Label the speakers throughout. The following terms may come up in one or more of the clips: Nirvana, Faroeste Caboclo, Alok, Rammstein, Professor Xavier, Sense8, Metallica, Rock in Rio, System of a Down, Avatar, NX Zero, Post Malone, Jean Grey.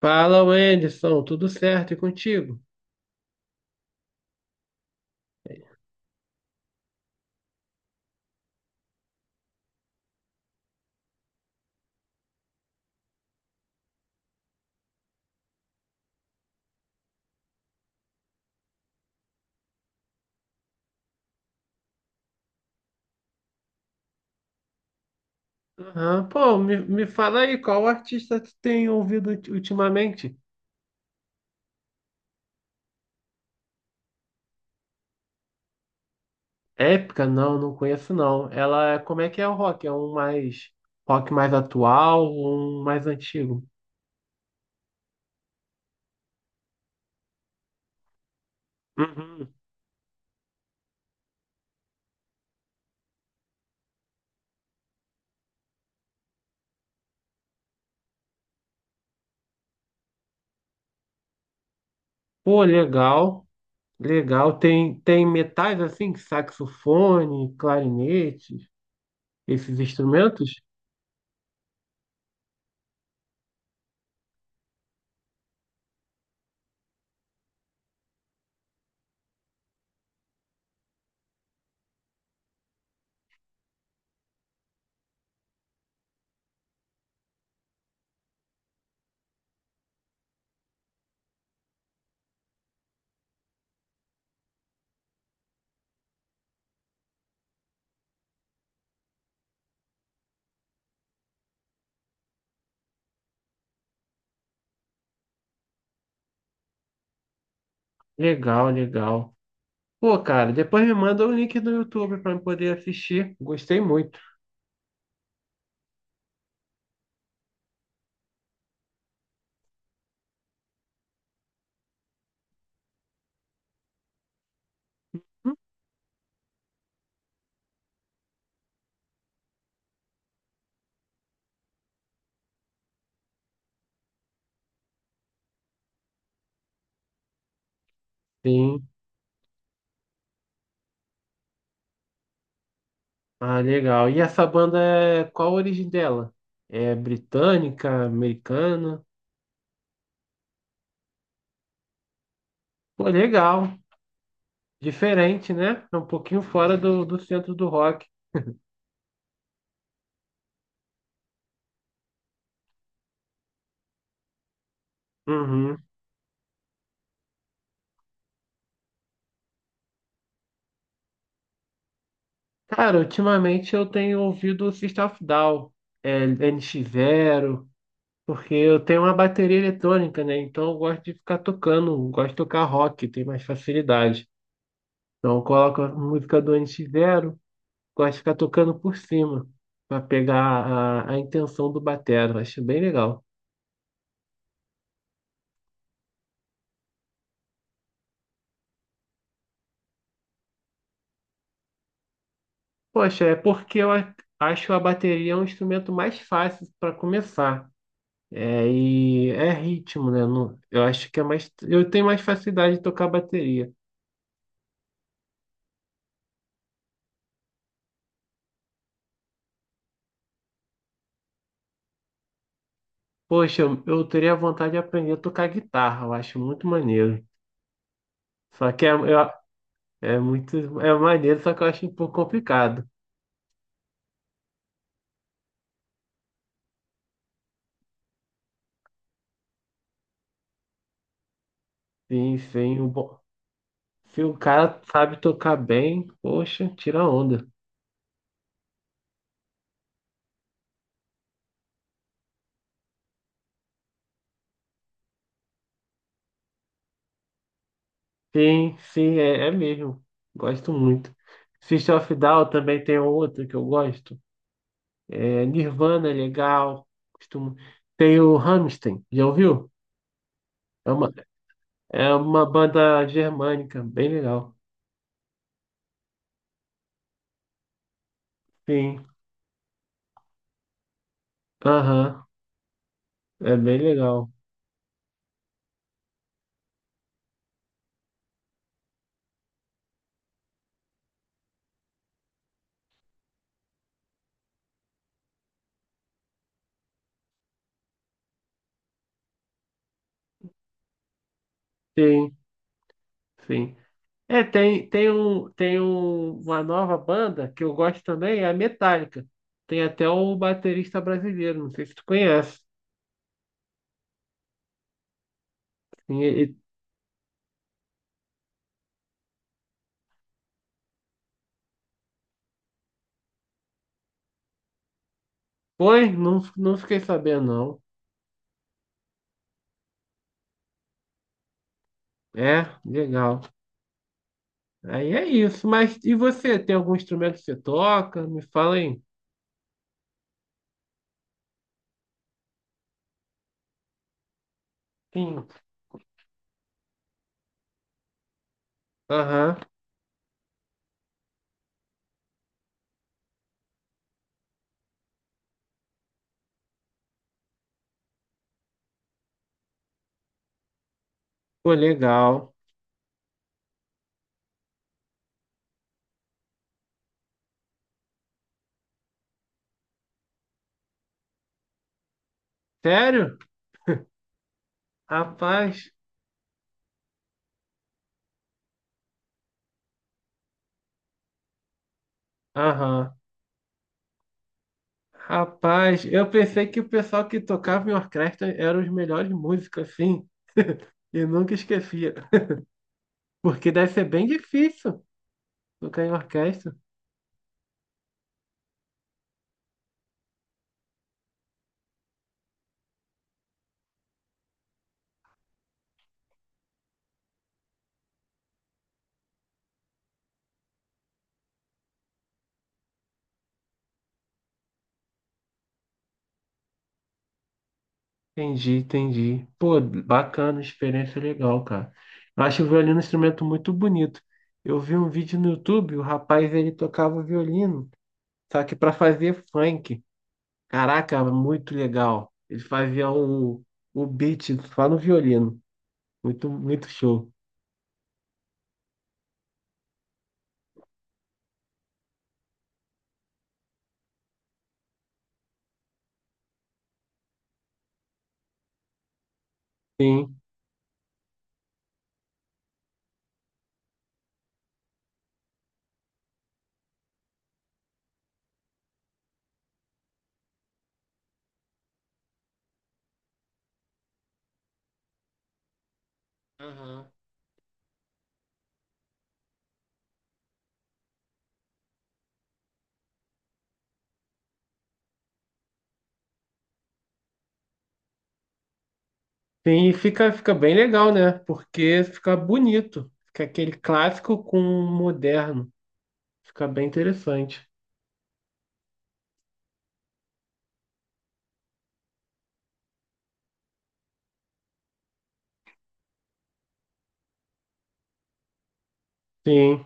Speaker 1: Fala, Wenderson, tudo certo e contigo? Aham. Pô, me fala aí, qual artista tu tem ouvido ultimamente? Épica? Não, conheço não. Ela, como é que é o rock? É um mais rock mais atual ou um mais antigo? Uhum. Pô, legal, legal. Tem metais assim, saxofone, clarinete, esses instrumentos? Legal, legal. Pô, cara, depois me manda o link do YouTube para eu poder assistir. Gostei muito. Sim. Ah, legal. E essa banda é qual a origem dela? É britânica, americana? Pô, legal. Diferente, né? É um pouquinho fora do centro do rock. Uhum. Cara, ultimamente eu tenho ouvido o System of a Down, NX Zero, porque eu tenho uma bateria eletrônica, né? Então eu gosto de ficar tocando, gosto de tocar rock, tem mais facilidade. Então eu coloco a música do NX. Gosto de ficar tocando por cima, para pegar a intenção do batero. Acho bem legal. Poxa, é porque acho a bateria um instrumento mais fácil para começar. É, e é ritmo, né? Eu acho que é mais. Eu tenho mais facilidade de tocar bateria. Poxa, eu teria vontade de aprender a tocar guitarra, eu acho muito maneiro. Só que é muito. É maneiro, só que eu acho um pouco complicado. Sim, sim. Se o cara sabe tocar bem, poxa, tira onda. Sim, sim, é mesmo. Gosto muito. System of a Down também tem outra que eu gosto. É, Nirvana é legal. Costumo... Tem o Rammstein, já ouviu? É uma, é uma banda germânica, bem legal. Sim, aham, é bem legal. Sim, sim. É, uma nova banda que eu gosto também, é a Metallica. Tem até o baterista brasileiro, não sei se tu conhece. Sim, Oi, não, não fiquei sabendo, não. É, legal. Aí é isso. Mas e você? Tem algum instrumento que você toca? Me fala aí. Sim. Aham. Pô, legal. Sério? Rapaz. Aham. Rapaz, eu pensei que o pessoal que tocava em orquestra eram os melhores músicos, assim. E nunca esquecia. Porque deve ser bem difícil tocar em orquestra. Entendi, entendi. Pô, bacana, experiência legal, cara. Eu acho o violino um instrumento muito bonito. Eu vi um vídeo no YouTube, o rapaz ele tocava violino, só que para fazer funk. Caraca, muito legal. Ele fazia o beat só no violino. Muito, muito show. Sim. Aham. Sim, e fica bem legal, né? Porque fica bonito. Fica aquele clássico com o moderno. Fica bem interessante. Sim.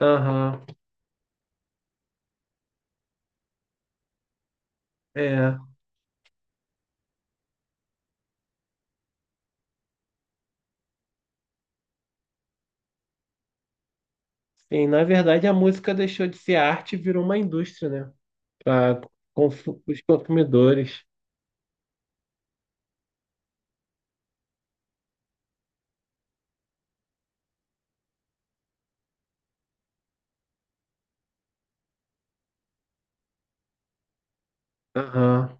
Speaker 1: Aham. É. Sim, na verdade, a música deixou de ser arte e virou uma indústria, né? Para os consumidores. Aham,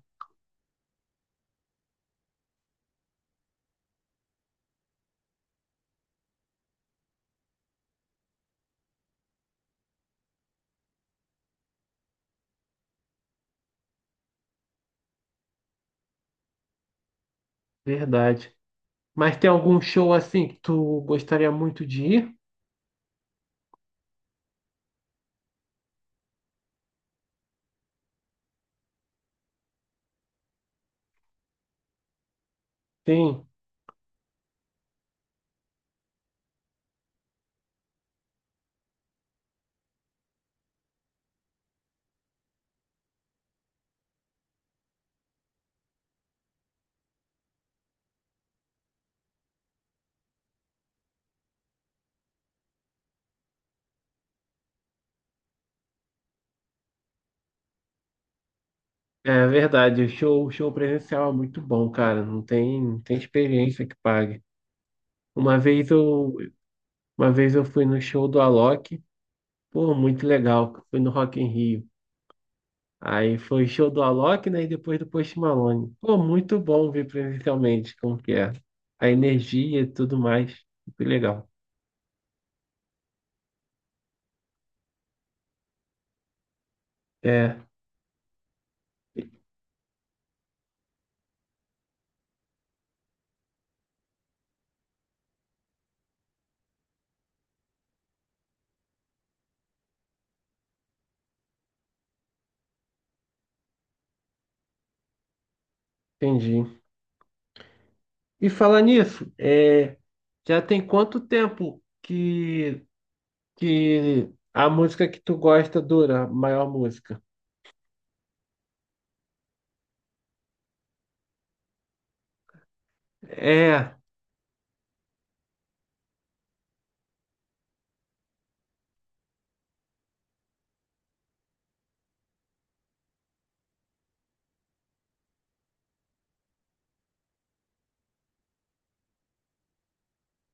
Speaker 1: verdade. Mas tem algum show assim que tu gostaria muito de ir? Sim, é verdade. O show presencial é muito bom, cara. Não tem experiência que pague. Uma vez eu, uma vez eu fui no show do Alok. Pô, muito legal. Fui no Rock in Rio. Aí foi show do Alok, né? E depois do Post Malone. Pô, muito bom ver presencialmente como que é. A energia e tudo mais. Que legal. É, entendi. E falar nisso, já tem quanto tempo que a música que tu gosta dura, a maior música? É,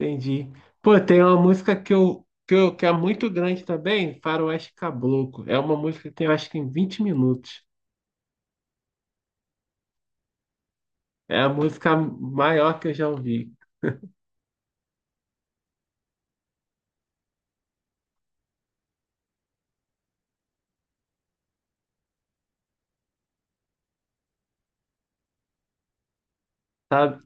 Speaker 1: entendi. Pô, tem uma música que é muito grande também, Faroeste Caboclo. É uma música que tem, eu acho que em 20 minutos. É a música maior que eu já ouvi. Tá,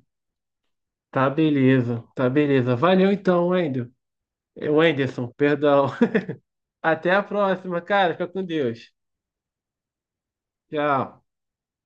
Speaker 1: tá beleza, tá beleza. Valeu então, Wendel. Eh, Wenderson, perdão. Até a próxima, cara. Fica com Deus. Tchau.